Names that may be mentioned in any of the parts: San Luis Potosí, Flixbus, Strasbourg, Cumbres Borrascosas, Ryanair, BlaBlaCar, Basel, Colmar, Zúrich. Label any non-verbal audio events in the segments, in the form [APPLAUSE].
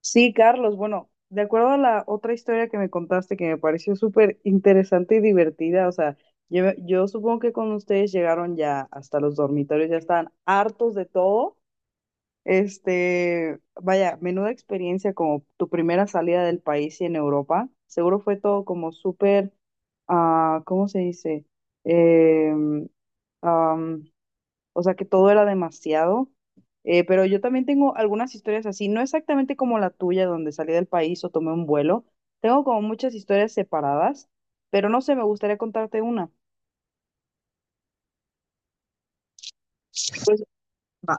Sí, Carlos, bueno, de acuerdo a la otra historia que me contaste que me pareció súper interesante y divertida, o sea, yo supongo que con ustedes llegaron ya hasta los dormitorios, ya estaban hartos de todo. Vaya, menuda experiencia como tu primera salida del país y en Europa. Seguro fue todo como súper, ah, ¿cómo se dice? Eh, o sea que todo era demasiado. Pero yo también tengo algunas historias así, no exactamente como la tuya, donde salí del país o tomé un vuelo. Tengo como muchas historias separadas, pero no sé, me gustaría contarte una. Pues, va.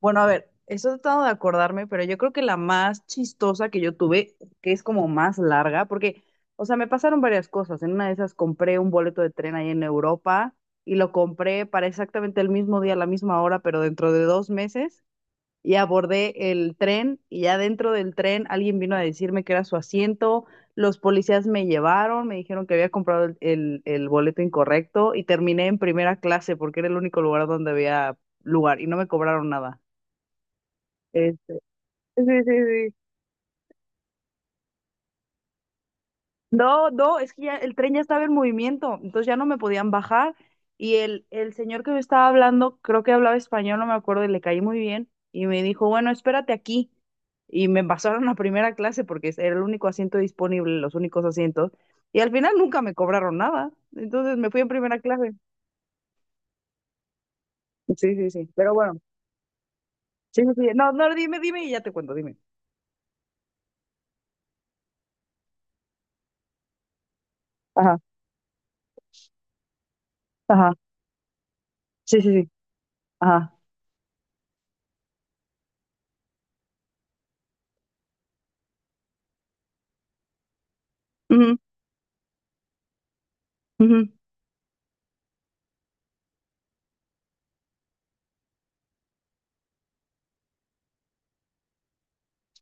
Bueno, a ver, estoy tratando de acordarme, pero yo creo que la más chistosa que yo tuve, que es como más larga, porque, o sea, me pasaron varias cosas. En una de esas compré un boleto de tren ahí en Europa y lo compré para exactamente el mismo día, a la misma hora, pero dentro de 2 meses. Y abordé el tren y ya dentro del tren alguien vino a decirme que era su asiento, los policías me llevaron, me dijeron que había comprado el boleto incorrecto y terminé en primera clase porque era el único lugar donde había lugar y no me cobraron nada. Este, sí, sí, sí. No, no, es que ya el tren ya estaba en movimiento, entonces ya no me podían bajar. Y el señor que me estaba hablando, creo que hablaba español, no me acuerdo, y le caí muy bien. Y me dijo, bueno, espérate aquí. Y me pasaron a primera clase porque era el único asiento disponible, los únicos asientos. Y al final nunca me cobraron nada. Entonces me fui en primera clase. Sí, sí, sí. Pero bueno, sí, sí, sí. No, no, dime, dime y ya te cuento, dime. Ajá, ajá. Sí, sí, sí. Ajá. Ujú, ujú,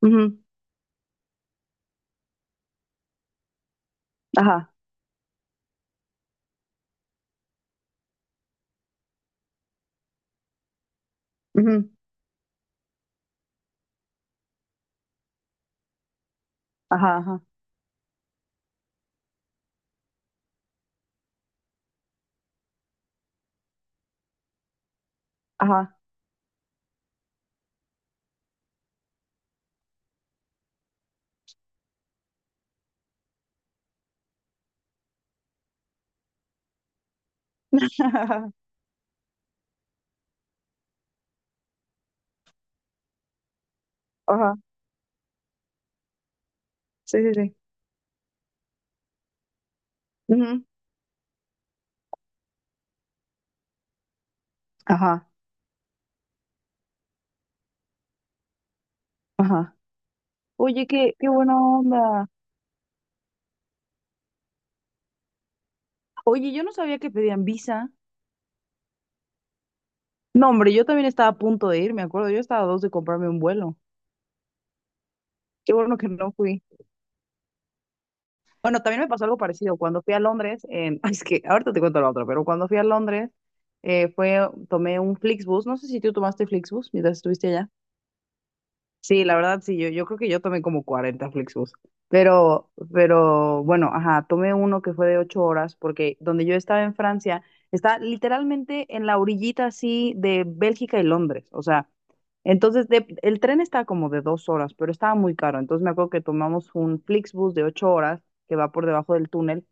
ujú. Ajá. Ujú. Ajá, ajá, ajá. [LAUGHS] Ajá, sí, sí, sí. Ujú. Ajá, ajá. Oye, qué buena onda. Oye, yo no sabía que pedían visa. No, hombre, yo también estaba a punto de ir, me acuerdo. Yo estaba a dos de comprarme un vuelo. Qué bueno que no fui. Bueno, también me pasó algo parecido. Cuando fui a Londres, [LAUGHS] ay, es que ahorita te cuento la otra, pero cuando fui a Londres, eh, fue, tomé un Flixbus. No sé si tú tomaste Flixbus mientras estuviste allá. Sí, la verdad, sí, yo creo que yo tomé como 40 Flixbus, pero bueno, ajá, tomé uno que fue de 8 horas porque donde yo estaba en Francia, está literalmente en la orillita así de Bélgica y Londres, o sea, el tren está como de 2 horas, pero estaba muy caro, entonces me acuerdo que tomamos un Flixbus de 8 horas que va por debajo del túnel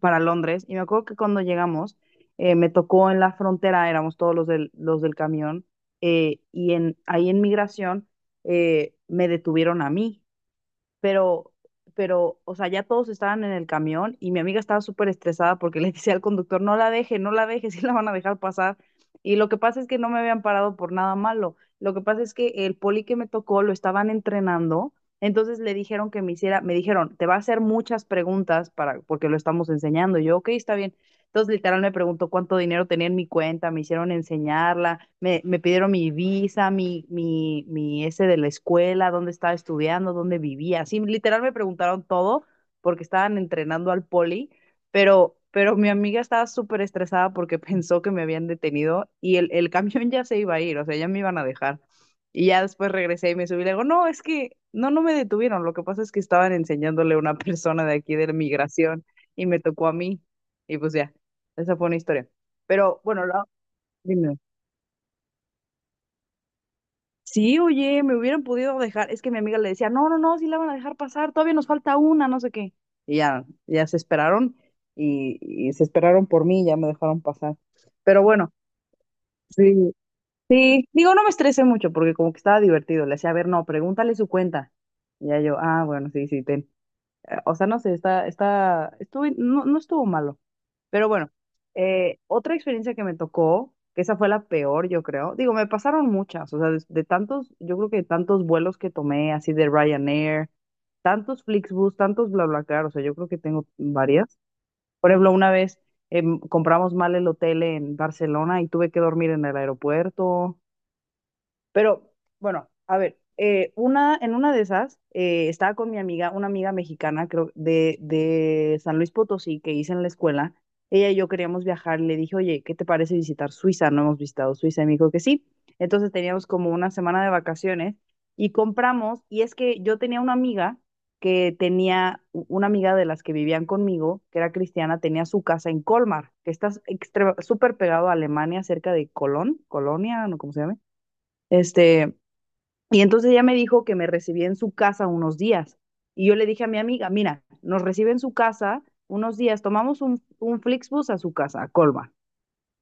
para Londres. Y me acuerdo que cuando llegamos, me tocó en la frontera, éramos todos los del camión, ahí en migración me detuvieron a mí pero, o sea, ya todos estaban en el camión y mi amiga estaba súper estresada porque [LAUGHS] le decía al conductor, no la deje, no la deje, [LAUGHS] sí la van a dejar pasar. Y lo que pasa es que no me habían parado por nada malo. Lo que pasa es que el poli que me tocó lo estaban entrenando, entonces le dijeron que me hiciera, me dijeron, te va a hacer muchas preguntas para, porque lo estamos enseñando. Y yo, ok, está bien. Entonces, literal, me preguntó cuánto dinero tenía en mi cuenta, me hicieron enseñarla, me pidieron mi visa, mi ese de la escuela, dónde estaba estudiando, dónde vivía. Sí, literal, me preguntaron todo porque estaban entrenando al poli, pero, mi amiga estaba súper estresada porque [LAUGHS] pensó que me habían detenido y el camión ya se iba a ir, o sea, ya me iban a dejar. Y ya después regresé y me subí y le digo, no, es que no, no me detuvieron, lo que pasa es que estaban enseñándole a una [LAUGHS] persona de aquí de la migración y me tocó a mí. Y pues ya. Esa fue una historia. Pero bueno, dime. Sí, oye, me hubieran podido dejar. Es que mi amiga le decía, no, no, no, sí la van a dejar pasar, todavía nos falta una, no sé qué. Y ya, ya se esperaron y se esperaron por mí, ya me dejaron pasar. Pero bueno, sí, sí, digo, no me estresé mucho porque como que estaba divertido. Le decía, a ver, no, pregúntale su cuenta. Y ya yo, ah, bueno, sí, sí, ten. O sea, no sé, estuvo, no, no estuvo malo. Pero bueno, otra experiencia que me tocó, que esa fue la peor, yo creo. Digo, me pasaron muchas, o sea, de tantos, yo creo que tantos vuelos que tomé, así de Ryanair, tantos Flixbus, tantos BlaBlaCar, o sea, yo creo que tengo varias. Por ejemplo, una vez compramos mal el hotel en Barcelona y tuve que dormir en el aeropuerto. Pero bueno, a ver, en una de esas estaba con mi amiga, una amiga mexicana, creo, de San Luis Potosí, que hice en la escuela. Ella y yo queríamos viajar. Le dije, oye, ¿qué te parece visitar Suiza? No hemos visitado Suiza. Y me dijo que sí. Entonces teníamos como una semana de vacaciones y compramos. Y es que yo tenía una amiga que tenía, una amiga de las que vivían conmigo, que era cristiana, tenía su casa en Colmar, que está súper pegado a Alemania, cerca de Colón, Colonia, no, ¿cómo se llama? Este, y entonces ella me dijo que me recibía en su casa unos días. Y yo le dije a mi amiga, mira, nos recibe en su casa unos días, tomamos un Flixbus a su casa, a Colma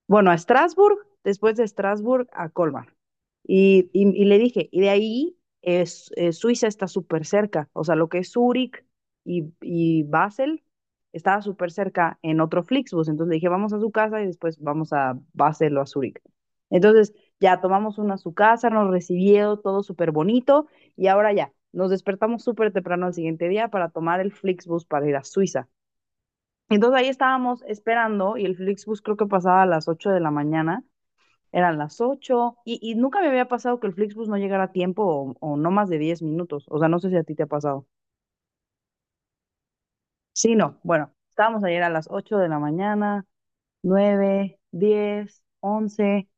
bueno, a Strasbourg, después de Strasbourg a Colmar. Y le dije, y de ahí es, Suiza está súper cerca, o sea, lo que es Zúrich y Basel estaba súper cerca en otro Flixbus, entonces le dije, vamos a su casa y después vamos a Basel o a Zúrich. Entonces ya tomamos uno a su casa, nos recibió todo súper bonito y ahora ya, nos despertamos súper temprano al siguiente día para tomar el Flixbus para ir a Suiza. Entonces ahí estábamos esperando y el Flixbus creo que pasaba a las 8 de la mañana, eran las 8 y nunca me había pasado que el Flixbus no llegara a tiempo o no más de 10 minutos, o sea, no sé si a ti te ha pasado. Sí, no, bueno, estábamos ayer a las 8 de la mañana, nueve, 10, 11.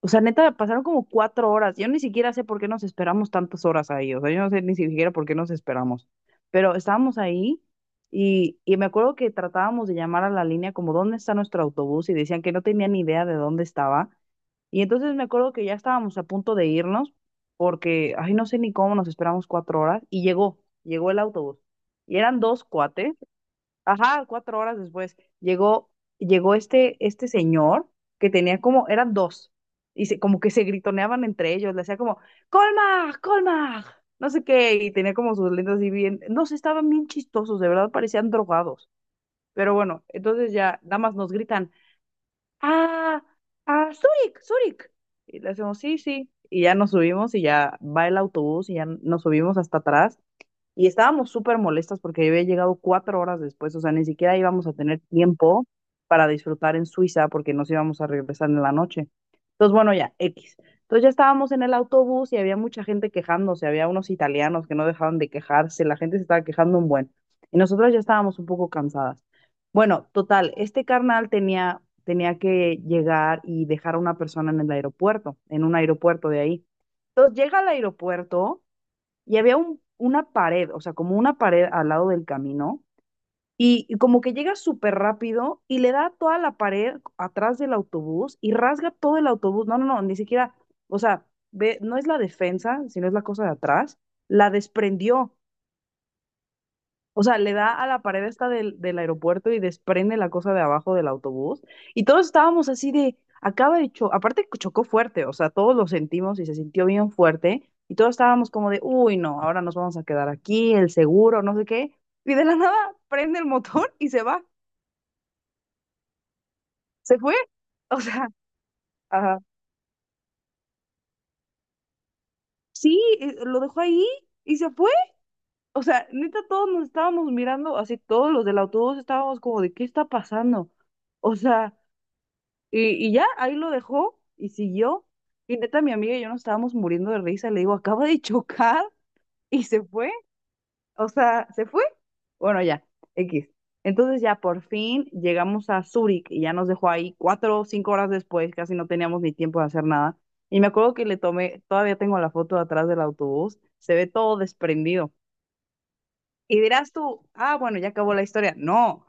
O sea, neta, pasaron como 4 horas. Yo ni siquiera sé por qué nos esperamos tantas horas ahí. O sea, yo no sé ni siquiera por qué nos esperamos. Pero estábamos ahí y me acuerdo que tratábamos de llamar a la línea como dónde está nuestro autobús y decían que no tenían ni idea de dónde estaba. Y entonces me acuerdo que ya estábamos a punto de irnos porque, ay, no sé ni cómo nos esperamos 4 horas y llegó el autobús. Y eran dos cuates. Ajá, 4 horas después llegó este señor que tenía como, eran dos, y como que se gritoneaban entre ellos, le hacía como, Colmag, Colmag, no sé qué, y tenía como sus lentes así bien, no sé, estaban bien chistosos, de verdad parecían drogados, pero bueno, entonces ya nada más nos gritan, ah, Zurich, Zurich, y le hacemos, sí, sí, y ya nos subimos y ya va el autobús y ya nos subimos hasta atrás y estábamos súper molestas porque había llegado 4 horas después, o sea, ni siquiera íbamos a tener tiempo para disfrutar en Suiza porque nos íbamos a regresar en la noche. Entonces, bueno, ya, X. Entonces ya estábamos en el autobús y había mucha gente quejándose, había unos italianos que no dejaban de quejarse, la gente se estaba quejando un buen. Y nosotras ya estábamos un poco cansadas. Bueno, total, este carnal tenía que llegar y dejar a una persona en el aeropuerto, en un aeropuerto de ahí. Entonces llega al aeropuerto y había una pared, o sea, como una pared al lado del camino, y como que llega súper rápido y le da toda la pared atrás del autobús y rasga todo el autobús. No, no, no, ni siquiera, o sea, ve, no es la defensa, sino es la cosa de atrás. La desprendió o sea, le da a la pared esta del aeropuerto y desprende la cosa de abajo del autobús. Y todos estábamos así de, acaba de chocar, aparte chocó fuerte, o sea, todos lo sentimos y se sintió bien fuerte. Y todos estábamos como de, uy, no, ahora nos vamos a quedar aquí, el seguro, no sé qué. Y de la nada [LAUGHS] prende el motor y se va. Se fue. [LAUGHS] O sea, ajá. Sí, lo dejó ahí y se fue. O sea, neta, todos nos estábamos mirando, así todos los del autobús estábamos como de, ¿qué está pasando? O sea, Y ya, ahí lo dejó y siguió. Y neta, mi amiga y yo nos estábamos muriendo de risa. Le digo, acaba de chocar [LAUGHS] y se fue. O sea, se fue. Bueno, ya, X. Entonces ya por fin llegamos a Zúrich y ya nos dejó ahí 4 o 5 horas después, casi no teníamos ni tiempo de hacer nada. Y me acuerdo que le tomé, todavía tengo la foto de atrás del autobús, se ve todo desprendido. Y dirás tú, ah, bueno, ya acabó la historia. No,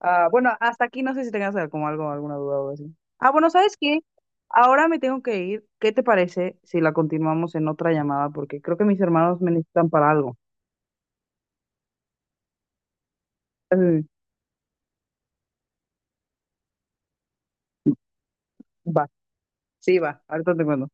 ah, bueno, hasta aquí no sé si tengas como algo, alguna duda o así. Ah, bueno, ¿sabes qué? Ahora me tengo que ir. ¿Qué te parece si la continuamos en otra llamada? Porque creo que mis hermanos me necesitan para algo. Eh, Va, sí, va. Ahorita te cuento.